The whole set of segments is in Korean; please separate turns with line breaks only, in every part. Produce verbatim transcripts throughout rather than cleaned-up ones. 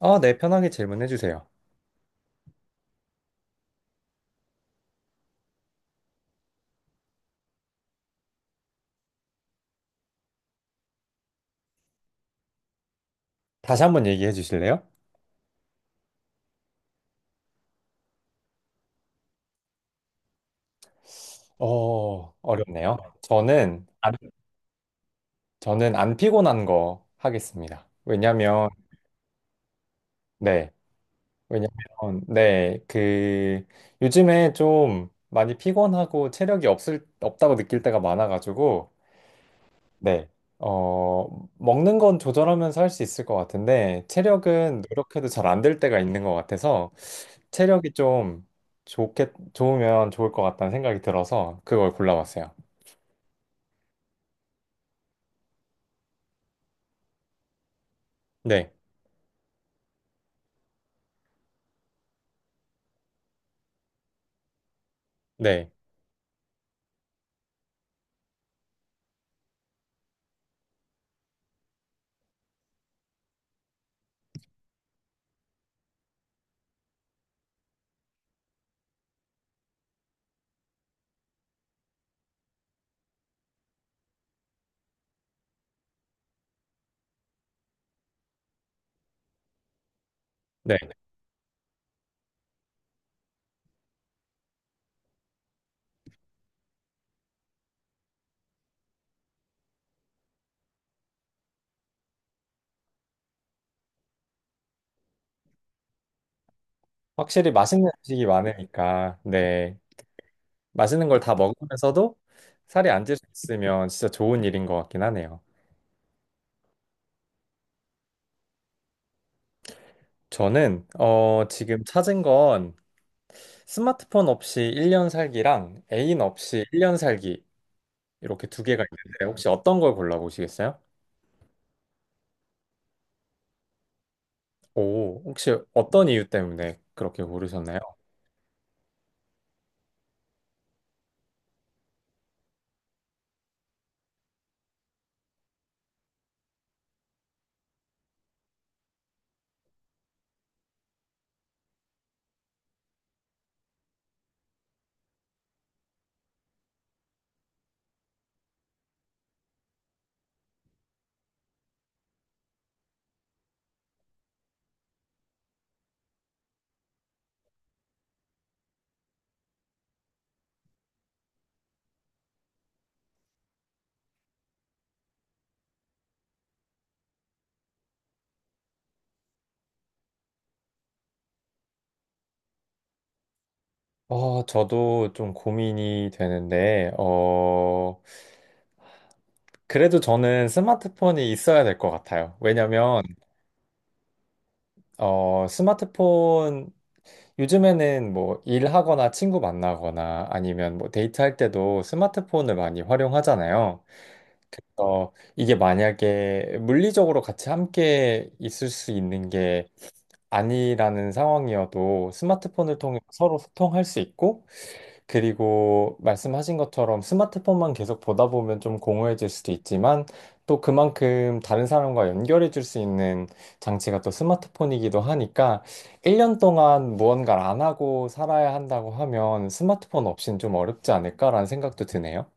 어, 네, 편하게 질문해 주세요. 다시 한 번 얘기해 주실래요? 어, 어렵네요. 저는 안, 저는 안 피곤한 거 하겠습니다. 왜냐면 네. 왜냐면 네, 그 요즘에 좀 많이 피곤하고 체력이 없을 없다고 느낄 때가 많아 가지고, 네. 어, 먹는 건 조절하면서 할 수 있을 것 같은데, 체력은 노력해도 잘 안 될 때가 있는 것 같아서, 체력이 좀 좋게, 좋으면 좋을 것 같다는 생각이 들어서, 그걸 골라봤어요. 네, 네, 네. 확실히 맛있는 음식이 많으니까, 네. 맛있는 걸 다 먹으면서도 살이 안 찔 수 있으면 진짜 좋은 일인 것 같긴 하네요. 저는, 어, 지금 찾은 건 스마트폰 없이 일 년 살기랑 애인 없이 일 년 살기, 이렇게 두 개가 있는데 혹시 어떤 걸 골라보시겠어요? 오, 혹시 어떤 이유 때문에 그렇게 고르셨나요? 어, 저도 좀 고민이 되는데, 어, 그래도 저는 스마트폰이 있어야 될 것 같아요. 왜냐면, 어, 스마트폰, 요즘에는 뭐 일하거나 친구 만나거나 아니면 뭐 데이트할 때도 스마트폰을 많이 활용하잖아요. 어, 이게 만약에 물리적으로 같이 함께 있을 수 있는 게 아니라는 상황이어도 스마트폰을 통해 서로 소통할 수 있고, 그리고 말씀하신 것처럼 스마트폰만 계속 보다 보면 좀 공허해질 수도 있지만, 또 그만큼 다른 사람과 연결해 줄 수 있는 장치가 또 스마트폰이기도 하니까, 일 년 동안 무언가를 안 하고 살아야 한다고 하면 스마트폰 없이는 좀 어렵지 않을까라는 생각도 드네요.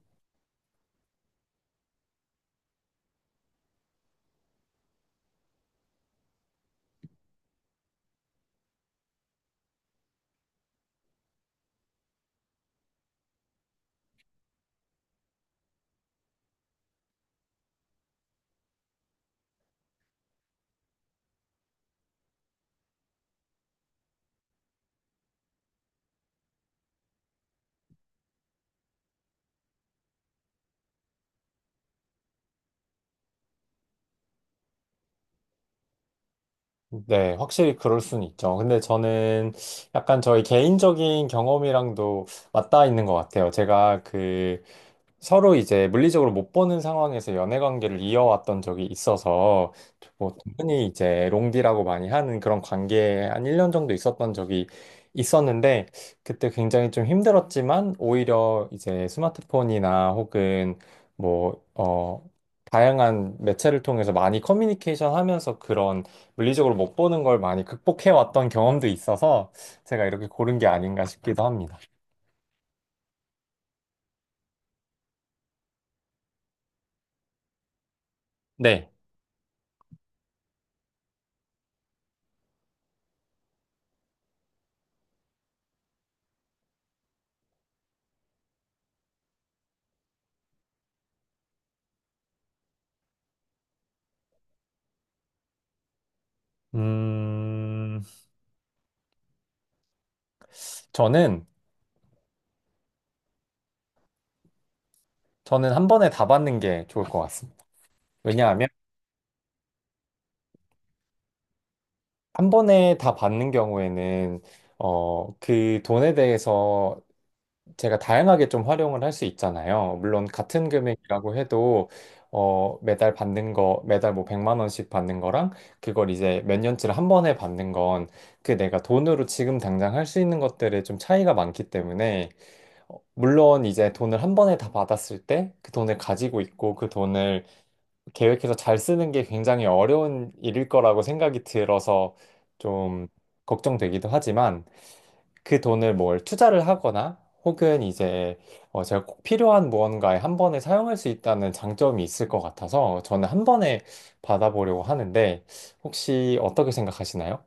네, 확실히 그럴 수는 있죠. 근데 저는 약간 저희 개인적인 경험이랑도 맞닿아 있는 것 같아요. 제가 그 서로 이제 물리적으로 못 보는 상황에서 연애 관계를 이어왔던 적이 있어서, 뭐 흔히 이제 롱디라고 많이 하는 그런 관계에 한 일 년 정도 있었던 적이 있었는데, 그때 굉장히 좀 힘들었지만 오히려 이제 스마트폰이나 혹은 뭐 어 다양한 매체를 통해서 많이 커뮤니케이션 하면서 그런 물리적으로 못 보는 걸 많이 극복해 왔던 경험도 있어서 제가 이렇게 고른 게 아닌가 싶기도 합니다. 네. 음, 저는 저는 한 번에 다 받는 게 좋을 것 같습니다. 왜냐하면 한 번에 다 받는 경우에는, 어, 그 돈에 대해서 제가 다양하게 좀 활용을 할 수 있잖아요. 물론 같은 금액이라고 해도, 어, 매달 받는 거, 매달 뭐 백만 원씩 받는 거랑 그걸 이제 몇 년치를 한 번에 받는 건 그 내가 돈으로 지금 당장 할 수 있는 것들에 좀 차이가 많기 때문에, 어, 물론 이제 돈을 한 번에 다 받았을 때 그 돈을 가지고 있고 그 돈을 계획해서 잘 쓰는 게 굉장히 어려운 일일 거라고 생각이 들어서 좀 걱정되기도 하지만, 그 돈을 뭘 투자를 하거나 혹은 이제 어, 제가 꼭 필요한 무언가에 한 번에 사용할 수 있다는 장점이 있을 것 같아서 저는 한 번에 받아보려고 하는데, 혹시 어떻게 생각하시나요?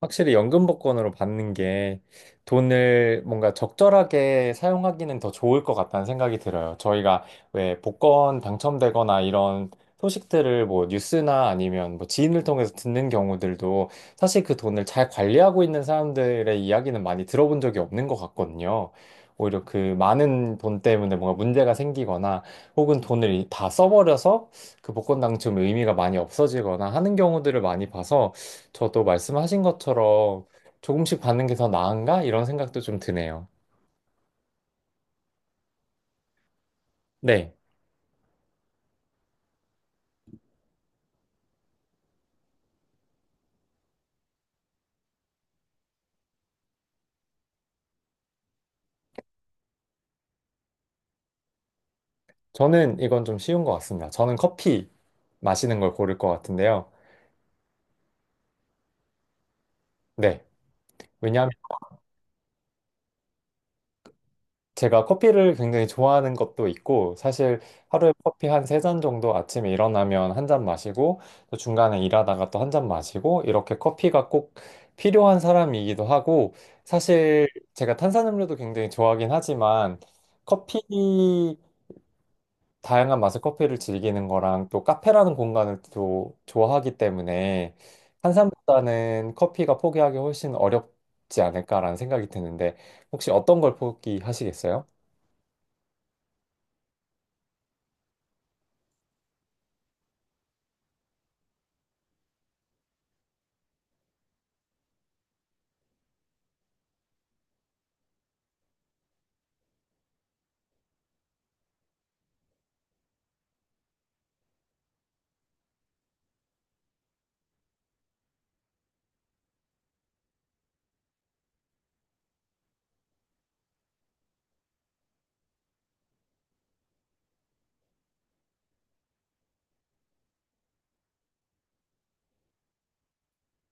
확실히 연금복권으로 받는 게 돈을 뭔가 적절하게 사용하기는 더 좋을 것 같다는 생각이 들어요. 저희가 왜 복권 당첨되거나 이런 소식들을 뭐 뉴스나 아니면 뭐 지인을 통해서 듣는 경우들도, 사실 그 돈을 잘 관리하고 있는 사람들의 이야기는 많이 들어본 적이 없는 것 같거든요. 오히려 그 많은 돈 때문에 뭔가 문제가 생기거나 혹은 돈을 다 써버려서 그 복권 당첨 의미가 많이 없어지거나 하는 경우들을 많이 봐서, 저도 말씀하신 것처럼 조금씩 받는 게 더 나은가? 이런 생각도 좀 드네요. 네. 저는 이건 좀 쉬운 것 같습니다. 저는 커피 마시는 걸 고를 것 같은데요. 네. 왜냐하면 제가 커피를 굉장히 좋아하는 것도 있고, 사실 하루에 커피 한 세 잔 정도, 아침에 일어나면 한 잔 마시고, 또 중간에 일하다가 또 한 잔 마시고, 이렇게 커피가 꼭 필요한 사람이기도 하고, 사실 제가 탄산음료도 굉장히 좋아하긴 하지만, 커피 다양한 맛의 커피를 즐기는 거랑 또 카페라는 공간을 또 좋아하기 때문에 한 산보다는 커피가 포기하기 훨씬 어렵지 않을까라는 생각이 드는데, 혹시 어떤 걸 포기하시겠어요?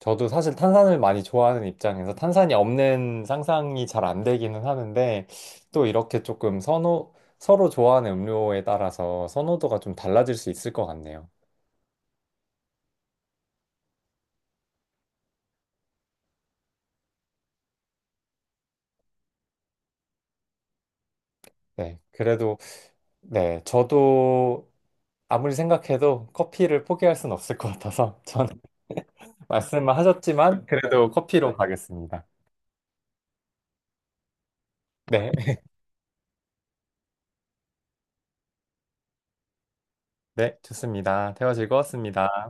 저도 사실 탄산을 많이 좋아하는 입장에서 탄산이 없는 상상이 잘 안 되기는 하는데, 또 이렇게 조금 선호, 서로 좋아하는 음료에 따라서 선호도가 좀 달라질 수 있을 것 같네요. 네, 그래도 네, 저도 아무리 생각해도 커피를 포기할 순 없을 것 같아서 저는 말씀을 하셨지만, 네. 그래도 커피로 가겠습니다. 네, 네, 좋습니다. 대화 즐거웠습니다.